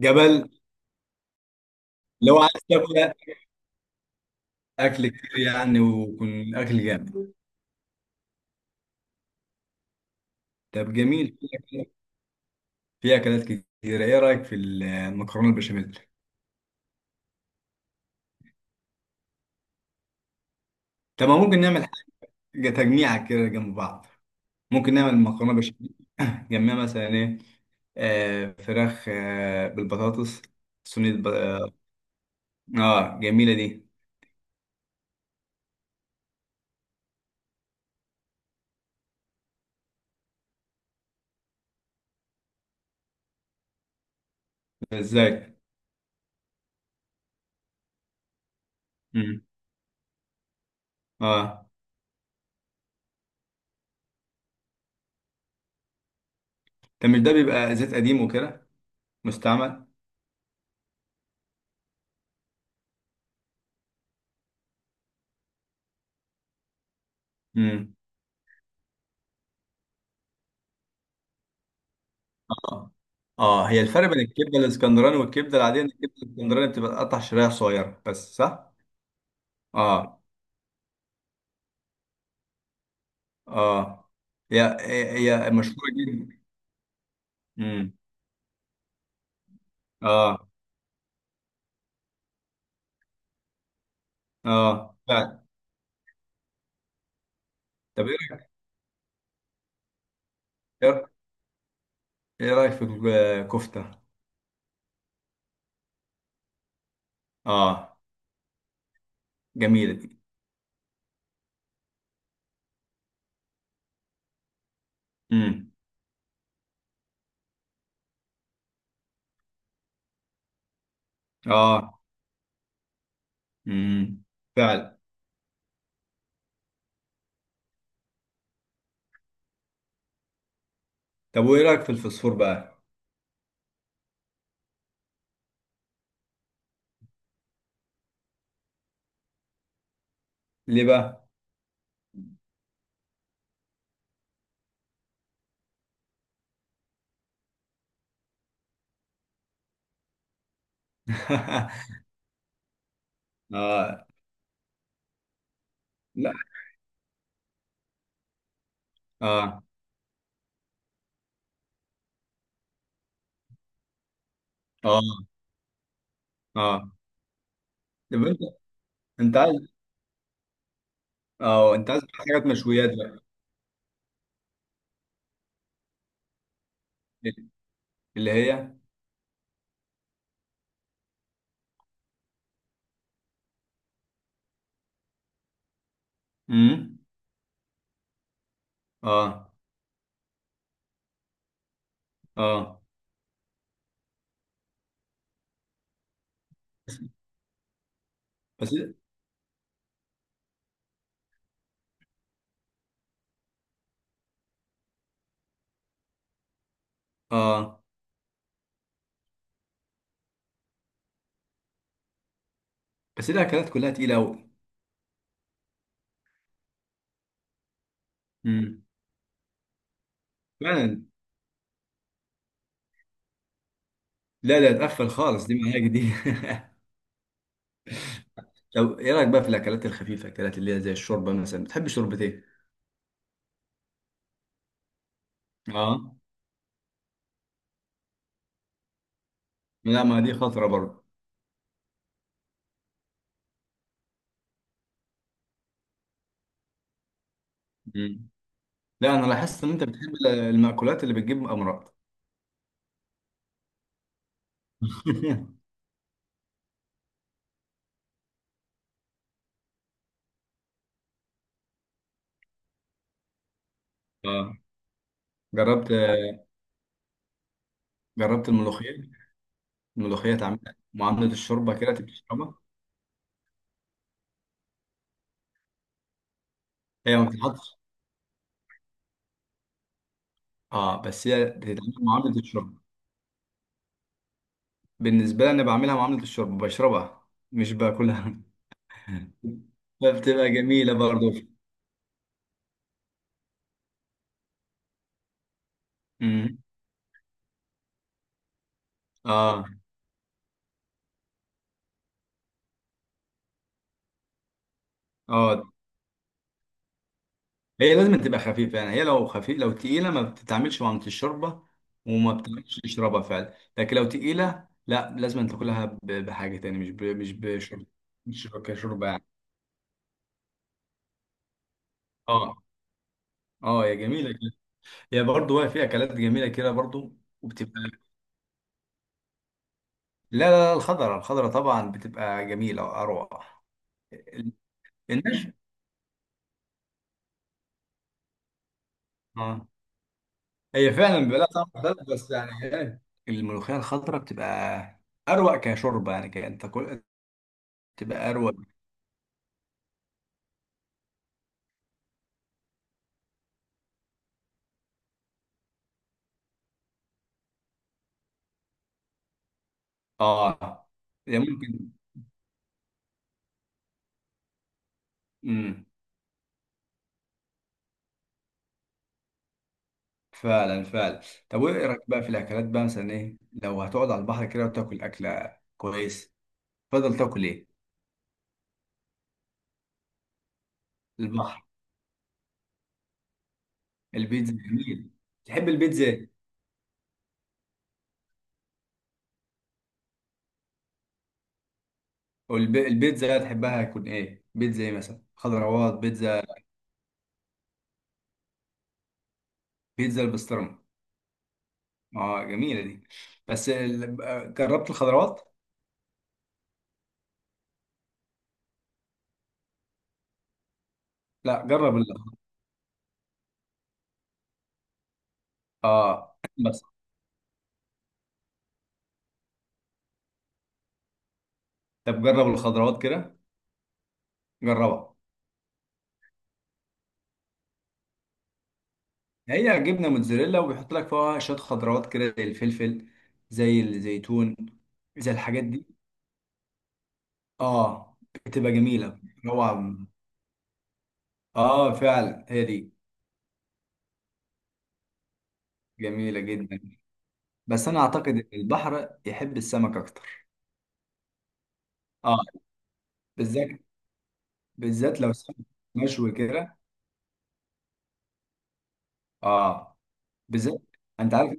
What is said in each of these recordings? جبل، لو عايز تاكل اكل كتير يعني ويكون اكل جامد. طب جميل، في اكلات كتير. ايه رايك في المكرونه البشاميل؟ طب ما ممكن نعمل حاجه تجميعه كده جنب بعض؟ ممكن نعمل مكرونه بشاميل جنبها مثلا ايه؟ فراخ، بالبطاطس، صينيه ب... اه آه، جميله دي. ازاي؟ امم اه. طب مش ده بيبقى زيت قديم وكده، مستعمل؟ اه، اه، هي الفرق بين الكبده الاسكندراني والكبده العاديه ان الكبده الاسكندراني بتبقى قطع شرايح صغيره بس، صح؟ اه، اه، هي مشهوره جدا. امم. اه، اه، فعلا. طب ايه رايك، ايه رايك في الكفته؟ اه، جميله دي. امم. اه. امم. فعلا. طب وايه رايك في الفسفور بقى؟ ليه بقى؟ اه. لا. اه، اه، اه. طب انت انت عايز اه انت عايز حاجات مشويات بقى؟ اللي هي، امم اه، اه، بس اه بس الاكلات كلها تقيله قوي. امم. فعلا. لا، لا، تقفل خالص دي، معاك دي طب ايه رايك بقى في الاكلات الخفيفه، الاكلات اللي هي زي الشوربه، مثلا بتحب شوربه ايه؟ اه. لا، ما دي خطره برضه. امم. لا، انا لاحظت ان انت بتحب المأكولات اللي بتجيب امراض. اه. جربت جربت الملوخيه. الملوخيه تعمل معامله الشوربه كده، تبقى تشربها. هي ما بتتحطش. اه، بس هي بتتعمل معامله الشوربه. بالنسبة لي أنا بعملها معاملة الشرب، بشربها مش باكلها. فبتبقى جميلة برضو. امم. اه، اه، هي لازم تبقى خفيفة يعني. هي لو خفيف لو تقيلة ما بتتعملش معاملة الشوربة، وما بتعملش تشربها فعلا، لكن لو تقيلة لا، لازم أن تاكلها بحاجة تاني، مش مش بشرب. مش كشوربة يعني. اه، اه، هي جميلة كده. هي برضو، هي في أكلات جميلة كده برضو. وبتبقى، لا، لا، لا، الخضرة، الخضرة طبعا بتبقى جميلة وأروع. النشف، اه، هي فعلا بيبقى لها طعم مختلف، بس يعني ايه. الملوخية الخضراء بتبقى أروق كشوربة، يعني كأن تاكل. تبقى أروق. آه هي ممكن. مم. فعلا، فعلا. طب وإيه رأيك بقى في الأكلات بقى، مثلا إيه؟ لو هتقعد على البحر كده وتاكل أكلة كويس، تفضل تاكل إيه؟ البحر. البيتزا جميل. تحب البيتزا إيه؟ أو البيتزا تحبها هتكون إيه؟ بيتزا إيه مثلا؟ خضروات، بيتزا. بيتزا البسطرمة. آه، جميلة دي. بس جربت الخضروات؟ لا، جرب. اه، بس. طب جرب الخضروات كده، جربها. هي جبنه موتزاريلا، وبيحط لك فيها شويه خضروات كده، زي الفلفل، زي الزيتون، زي الحاجات دي. اه، بتبقى جميله. روعه. اه، فعلا، هي دي. جميله جدا. بس انا اعتقد ان البحر يحب السمك اكتر. اه، بالذات. بالذات لو سمك مشوي كده. اه، بالذات. انت عارف.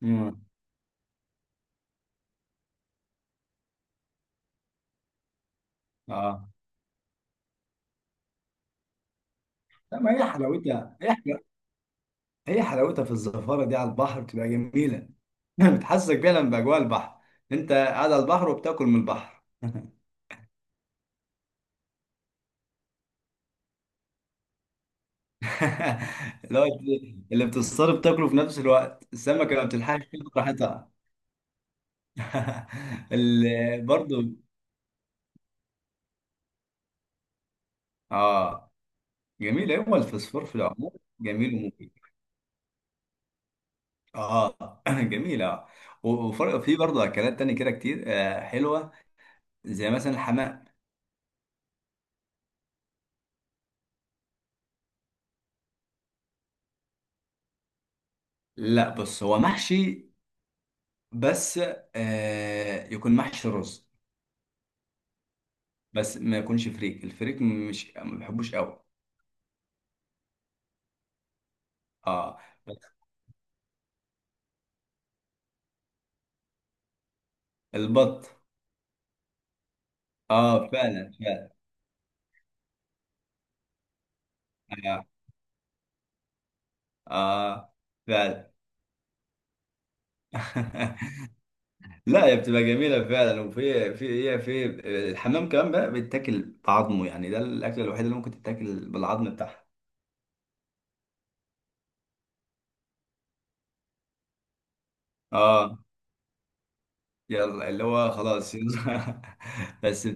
مم. اه، لا، ما هي حلاوتها، هي. هي حلاوتها في الزفارة دي على البحر بتبقى جميلة. بتحسسك فعلا بأجواء البحر. انت قاعد على البحر وبتاكل من البحر. اللي هو اللي بتصطاد بتاكله في نفس الوقت، السمكة ما بتلحقش تاكل راحتها. برضو. اه، جميل، هو الفسفور في العموم جميل ومفيد. اه، جميل. اه وفي برضه اكلات تانية كده كتير، حلوة، زي مثلا الحمام. لا، بص، هو محشي بس، يكون محشي رز، بس ما يكونش فريك. الفريك مش ما بحبوش قوي. اه، بس. البط. اه، فعلا، فعلا. اه, آه، فعلا. لا، هي بتبقى جميله فعلا وفي هي في الحمام كمان بقى، بيتاكل بعظمه، يعني ده الاكله الوحيده اللي ممكن تتاكل بالعظم بتاعها. اه، يلا، اللي هو خلاص يلا. بس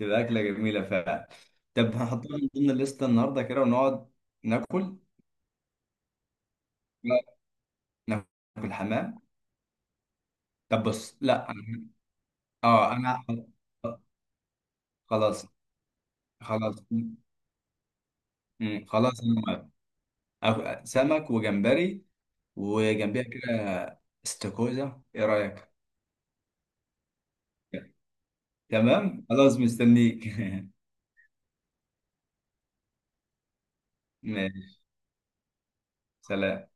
بتبقى اكله جميله فعلا. طب هنحطها من ضمن الليسته النهارده كده ونقعد ناكل. ناكل حمام. طب بص، لا، اه، انا خلاص، خلاص. مم. خلاص انا موافق. سمك وجمبري، وجنبيها كده استاكوزا، ايه رايك؟ تمام، خلاص مستنيك. ماشي. سلام.